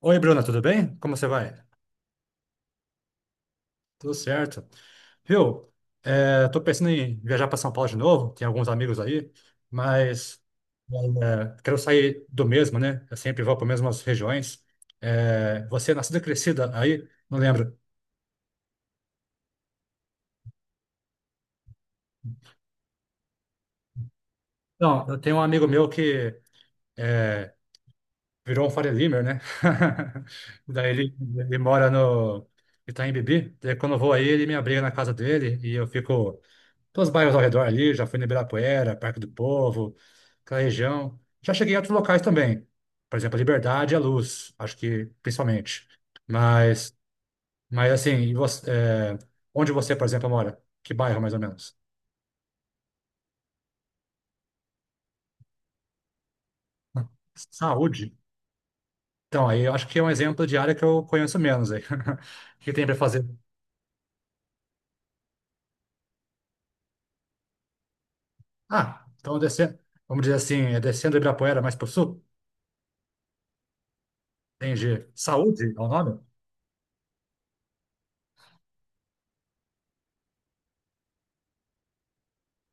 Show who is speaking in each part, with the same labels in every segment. Speaker 1: Oi, Bruna, tudo bem? Como você vai? Tudo certo. Viu? É, tô pensando em viajar para São Paulo de novo, tem alguns amigos aí, mas quero sair do mesmo, né? Eu sempre vou para as mesmas regiões. É, você é nascida e crescida aí? Não lembro. Não, eu tenho um amigo meu que é, virou um Faria Limer, né? Daí ele mora no Itaim Bibi. Daí quando eu vou aí, ele me abriga na casa dele e eu fico. Então, os bairros ao redor ali, já fui no Ibirapuera, Parque do Povo, aquela região. Já cheguei em outros locais também. Por exemplo, a Liberdade e a Luz, acho que principalmente. Mas, mas assim, onde você, por exemplo, mora? Que bairro, mais ou menos? Saúde? Então, aí eu acho que é um exemplo de área que eu conheço menos aí. O que tem para fazer? Ah, então descendo, vamos dizer assim, é descendo do Ibirapuera mais para o sul? Entendi. Saúde é o nome?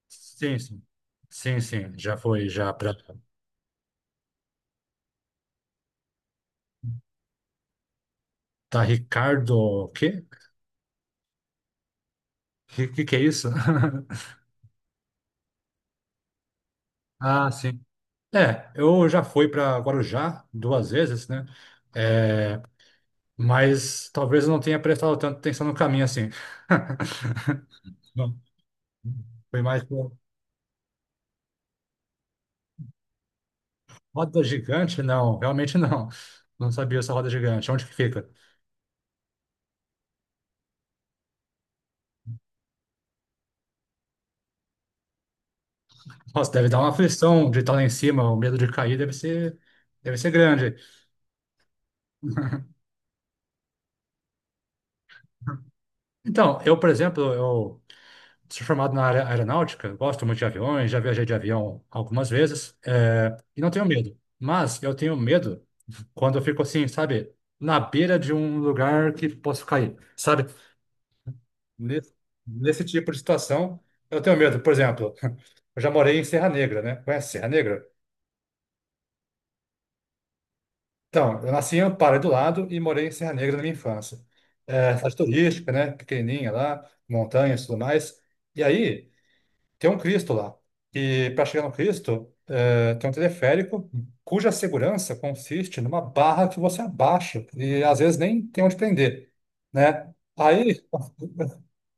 Speaker 1: Sim, sim. Sim, sim. Já foi, já para. Tá Ricardo, o quê? Que é isso? Ah, sim. É, eu já fui para Guarujá duas vezes, né? É, mas talvez eu não tenha prestado tanta atenção no caminho assim. Não, foi mais por. Roda gigante? Não, realmente não. Não sabia essa roda gigante. Onde que fica? Nossa, deve dar uma aflição de estar lá em cima, o medo de cair deve ser grande. Então, eu, por exemplo, eu sou formado na área aeronáutica, gosto muito de aviões, já viajei de avião algumas vezes, e não tenho medo. Mas eu tenho medo quando eu fico assim, sabe, na beira de um lugar que posso cair, sabe? Nesse, nesse tipo de situação, eu tenho medo. Por exemplo, eu já morei em Serra Negra, né? Conhece Serra Negra? Então, eu nasci em Amparo do lado e morei em Serra Negra na minha infância. É, cidade turística, né? Pequenininha lá, montanhas e tudo mais. E aí, tem um Cristo lá. E para chegar no Cristo, tem um teleférico cuja segurança consiste numa barra que você abaixa e às vezes nem tem onde prender, né? Aí,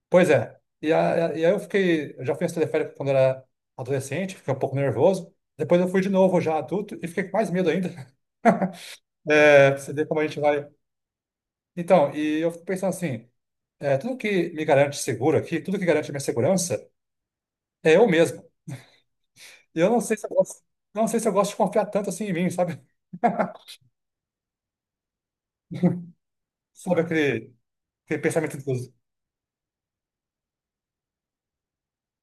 Speaker 1: pois é. E aí eu fiquei, eu já fui nesse teleférico quando era adolescente, fiquei um pouco nervoso. Depois eu fui de novo já adulto e fiquei com mais medo ainda. É, pra você ver como a gente vai. Então, e eu fico pensando assim, tudo que me garante seguro aqui, tudo que garante a minha segurança é eu mesmo. Eu não sei se eu gosto, não sei se eu gosto de confiar tanto assim em mim, sabe? Sobre aquele pensamento dos...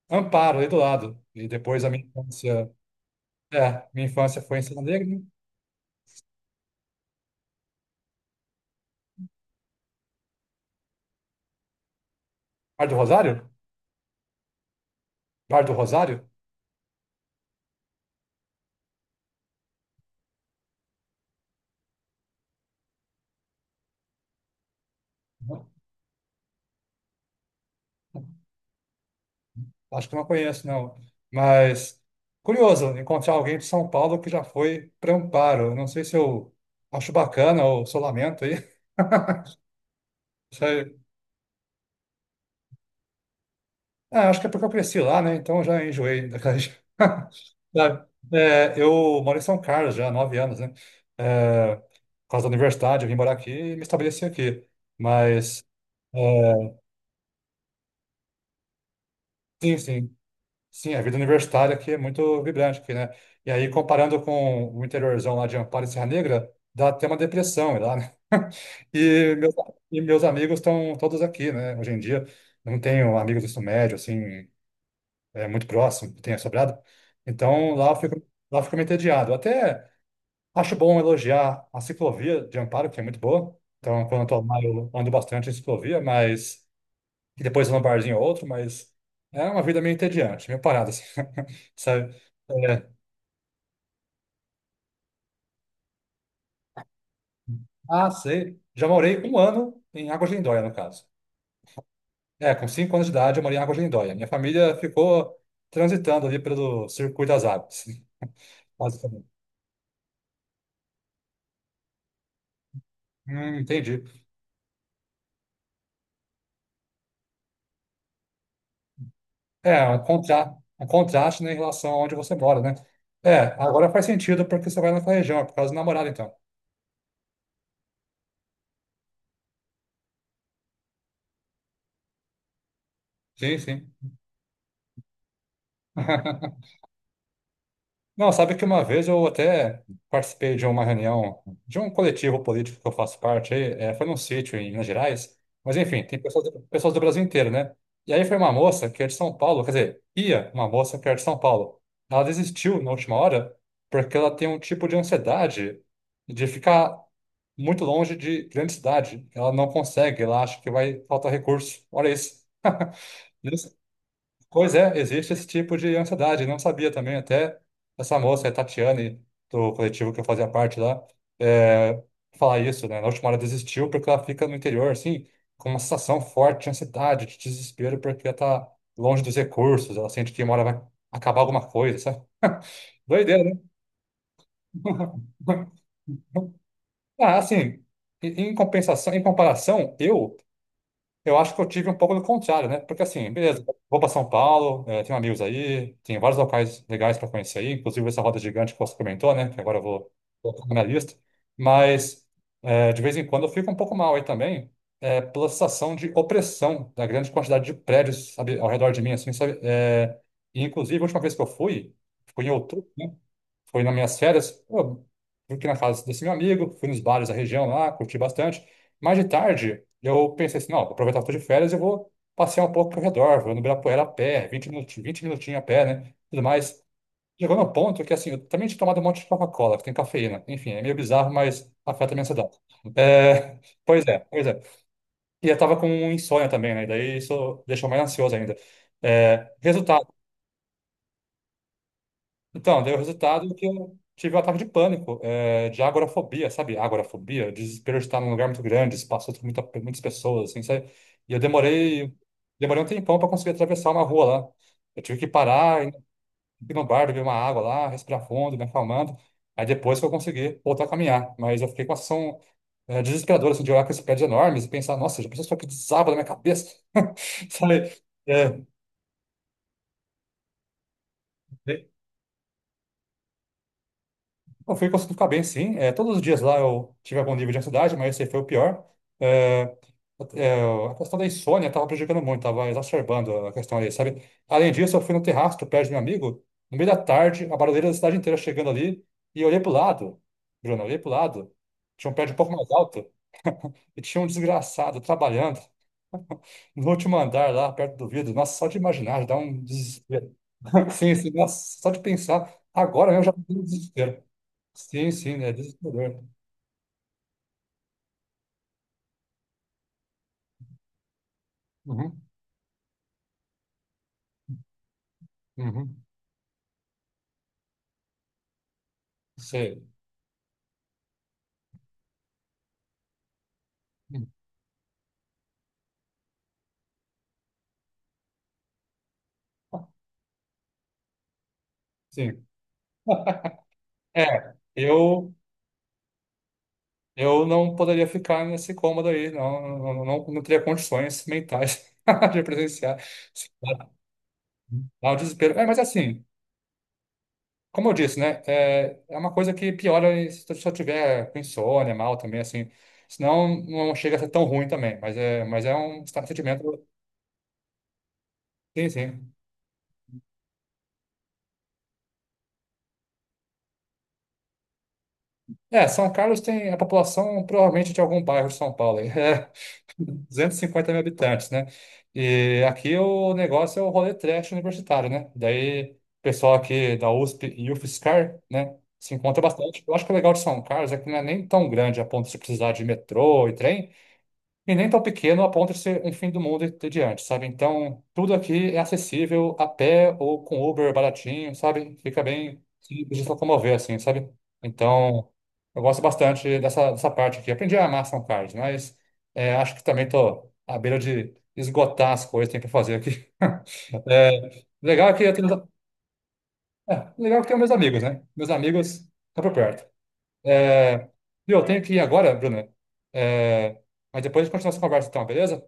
Speaker 1: Amparo ali do lado. E depois a minha infância. É, minha infância foi em Serra Negra, né? Bar do Rosário? Bar do Rosário? Não, acho que não conheço, não. Mas curioso encontrar alguém de São Paulo que já foi para Amparo. Não sei se eu acho bacana ou se eu lamento aí. Ah, acho que é porque eu cresci lá, né? Então eu já enjoei daquela região. Sabe? É, eu moro em São Carlos já há 9 anos, né? É, por causa da universidade, eu vim morar aqui e me estabeleci aqui. Mas, é, sim, sim. Sim, a vida universitária aqui é muito vibrante aqui, né? E aí, comparando com o interiorzão lá de Amparo e Serra Negra, dá até uma depressão lá, né? E meus, e meus amigos estão todos aqui, né? Hoje em dia, não tenho amigos do ensino médio, assim, é muito próximo, tenha sobrado. Então lá eu fico meio entediado. Eu até acho bom elogiar a ciclovia de Amparo, que é muito boa. Então, quando eu tô lá, eu ando bastante em ciclovia, mas. E depois eu vou num barzinho ou outro, mas é uma vida meio entediante, meio parada, assim. Sabe? É, ah, sei. Já morei um ano em Águas de Lindóia, no caso. É, com 5 anos de idade eu morei em Águas de Lindóia. Minha família ficou transitando ali pelo circuito das águas, basicamente. Entendi. É, um contra, um contraste, né, em relação a onde você mora, né? É, agora faz sentido porque você vai naquela região, é por causa do namorado, então. Sim, sim. Não, sabe que uma vez eu até participei de uma reunião, de um coletivo político que eu faço parte aí, foi num sítio em Minas Gerais, mas enfim, tem pessoas do Brasil inteiro, né? E aí foi uma moça que é de São Paulo, quer dizer, ia uma moça que era de São Paulo. Ela desistiu na última hora porque ela tem um tipo de ansiedade de ficar muito longe de grande cidade. Ela não consegue, ela acha que vai faltar recurso. Olha isso. Pois é, existe esse tipo de ansiedade. Não sabia também, até essa moça, a Tatiane, do coletivo que eu fazia parte lá, é, falar isso, né? Na última hora desistiu porque ela fica no interior, assim, com uma sensação forte de ansiedade, de desespero, porque ela tá longe dos recursos, ela sente que uma hora vai acabar alguma coisa, sabe? Doideira, né? Ah, assim, em compensação, em comparação, eu. Eu acho que eu tive um pouco do contrário, né? Porque assim, beleza, vou para São Paulo, tenho amigos aí, tem vários locais legais para conhecer aí, inclusive essa roda gigante que você comentou, né? Que agora eu vou colocar na minha lista. Mas de vez em quando eu fico um pouco mal aí também, pela sensação de opressão da grande quantidade de prédios, sabe, ao redor de mim, assim, sabe? E inclusive, a última vez que eu fui, foi em outubro, né? Foi nas minhas férias, pô, fui aqui na casa desse meu amigo, fui nos bares da região lá, curti bastante. Mais de tarde, eu pensei assim, não, vou aproveitar que eu tô de férias, eu vou passear um pouco ao redor, vou no Ibirapuera a pé, vinte minutinhos a pé, né? Tudo mais. Chegou no ponto que, assim, eu também tinha tomado um monte de Coca-Cola, que tem cafeína. Enfim, é meio bizarro, mas afeta a minha ansiedade. É, pois é, pois é. E eu tava com um insônia também, né? Daí isso deixou mais ansioso ainda. É, resultado então, deu o resultado que eu tive um ataque de pânico, é, de agorafobia, sabe? Agorafobia, desespero de estar num lugar muito grande, espaço com muita, muitas pessoas, assim, sabe? E eu demorei um tempão para conseguir atravessar uma rua lá. Eu tive que parar, ir no bar, beber uma água lá, respirar fundo, me acalmando. Aí depois que eu consegui voltar a caminhar. Mas eu fiquei com a sensação, é, desesperadora, assim, de olhar com esses prédios enormes e pensar, nossa, já pensou só que desaba na minha cabeça? Sabe? É, eu fui conseguindo ficar bem, sim. É, todos os dias lá eu tive algum nível de ansiedade, mas esse foi o pior. É, é, a questão da insônia estava prejudicando muito, estava exacerbando a questão ali, sabe? Além disso, eu fui no terraço do prédio do meu amigo, no meio da tarde, a barulheira da cidade inteira chegando ali, e eu olhei pro lado, Bruno, eu olhei pro lado, tinha um prédio um pouco mais alto, e tinha um desgraçado trabalhando, no último andar lá, perto do vidro. Nossa, só de imaginar, já dá um desespero. Sim, sim, nossa, só de pensar. Agora mesmo já tenho um desespero. Sim, sim, é desesperador. Uhum, uhum, sei. Hum, Sim. É, eu não poderia ficar nesse cômodo aí, não, não, não, não teria condições mentais de presenciar. Dá um desespero. É, mas assim. Como eu disse, né? É, é uma coisa que piora se eu se tiver com insônia, mal também, assim. Senão não chega a ser tão ruim também, mas é um sentimento. Sim, sim. É, São Carlos tem a população provavelmente de algum bairro de São Paulo, aí. É 250 mil habitantes, né? E aqui o negócio é o rolê trash universitário, né? Daí o pessoal aqui da USP e UFSCar, né? Se encontra bastante. Eu acho que o legal de São Carlos é que não é nem tão grande a ponto de você precisar de metrô e trem. E nem tão pequeno a ponto de ser um fim do mundo e ter diante, sabe? Então, tudo aqui é acessível a pé ou com Uber baratinho, sabe? Fica bem simples de se locomover, assim, sabe? Então, eu gosto bastante dessa parte aqui. Aprendi a amar São Carlos, mas é, acho que também tô à beira de esgotar as coisas que tem para fazer aqui. É, legal é que eu tenho, Legal é que eu tenho meus amigos, né? Meus amigos estão por perto. É, e eu tenho que ir agora, Bruna. É, mas depois a gente continua essa conversa, então, beleza?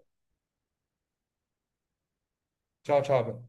Speaker 1: Tchau, tchau. Bel.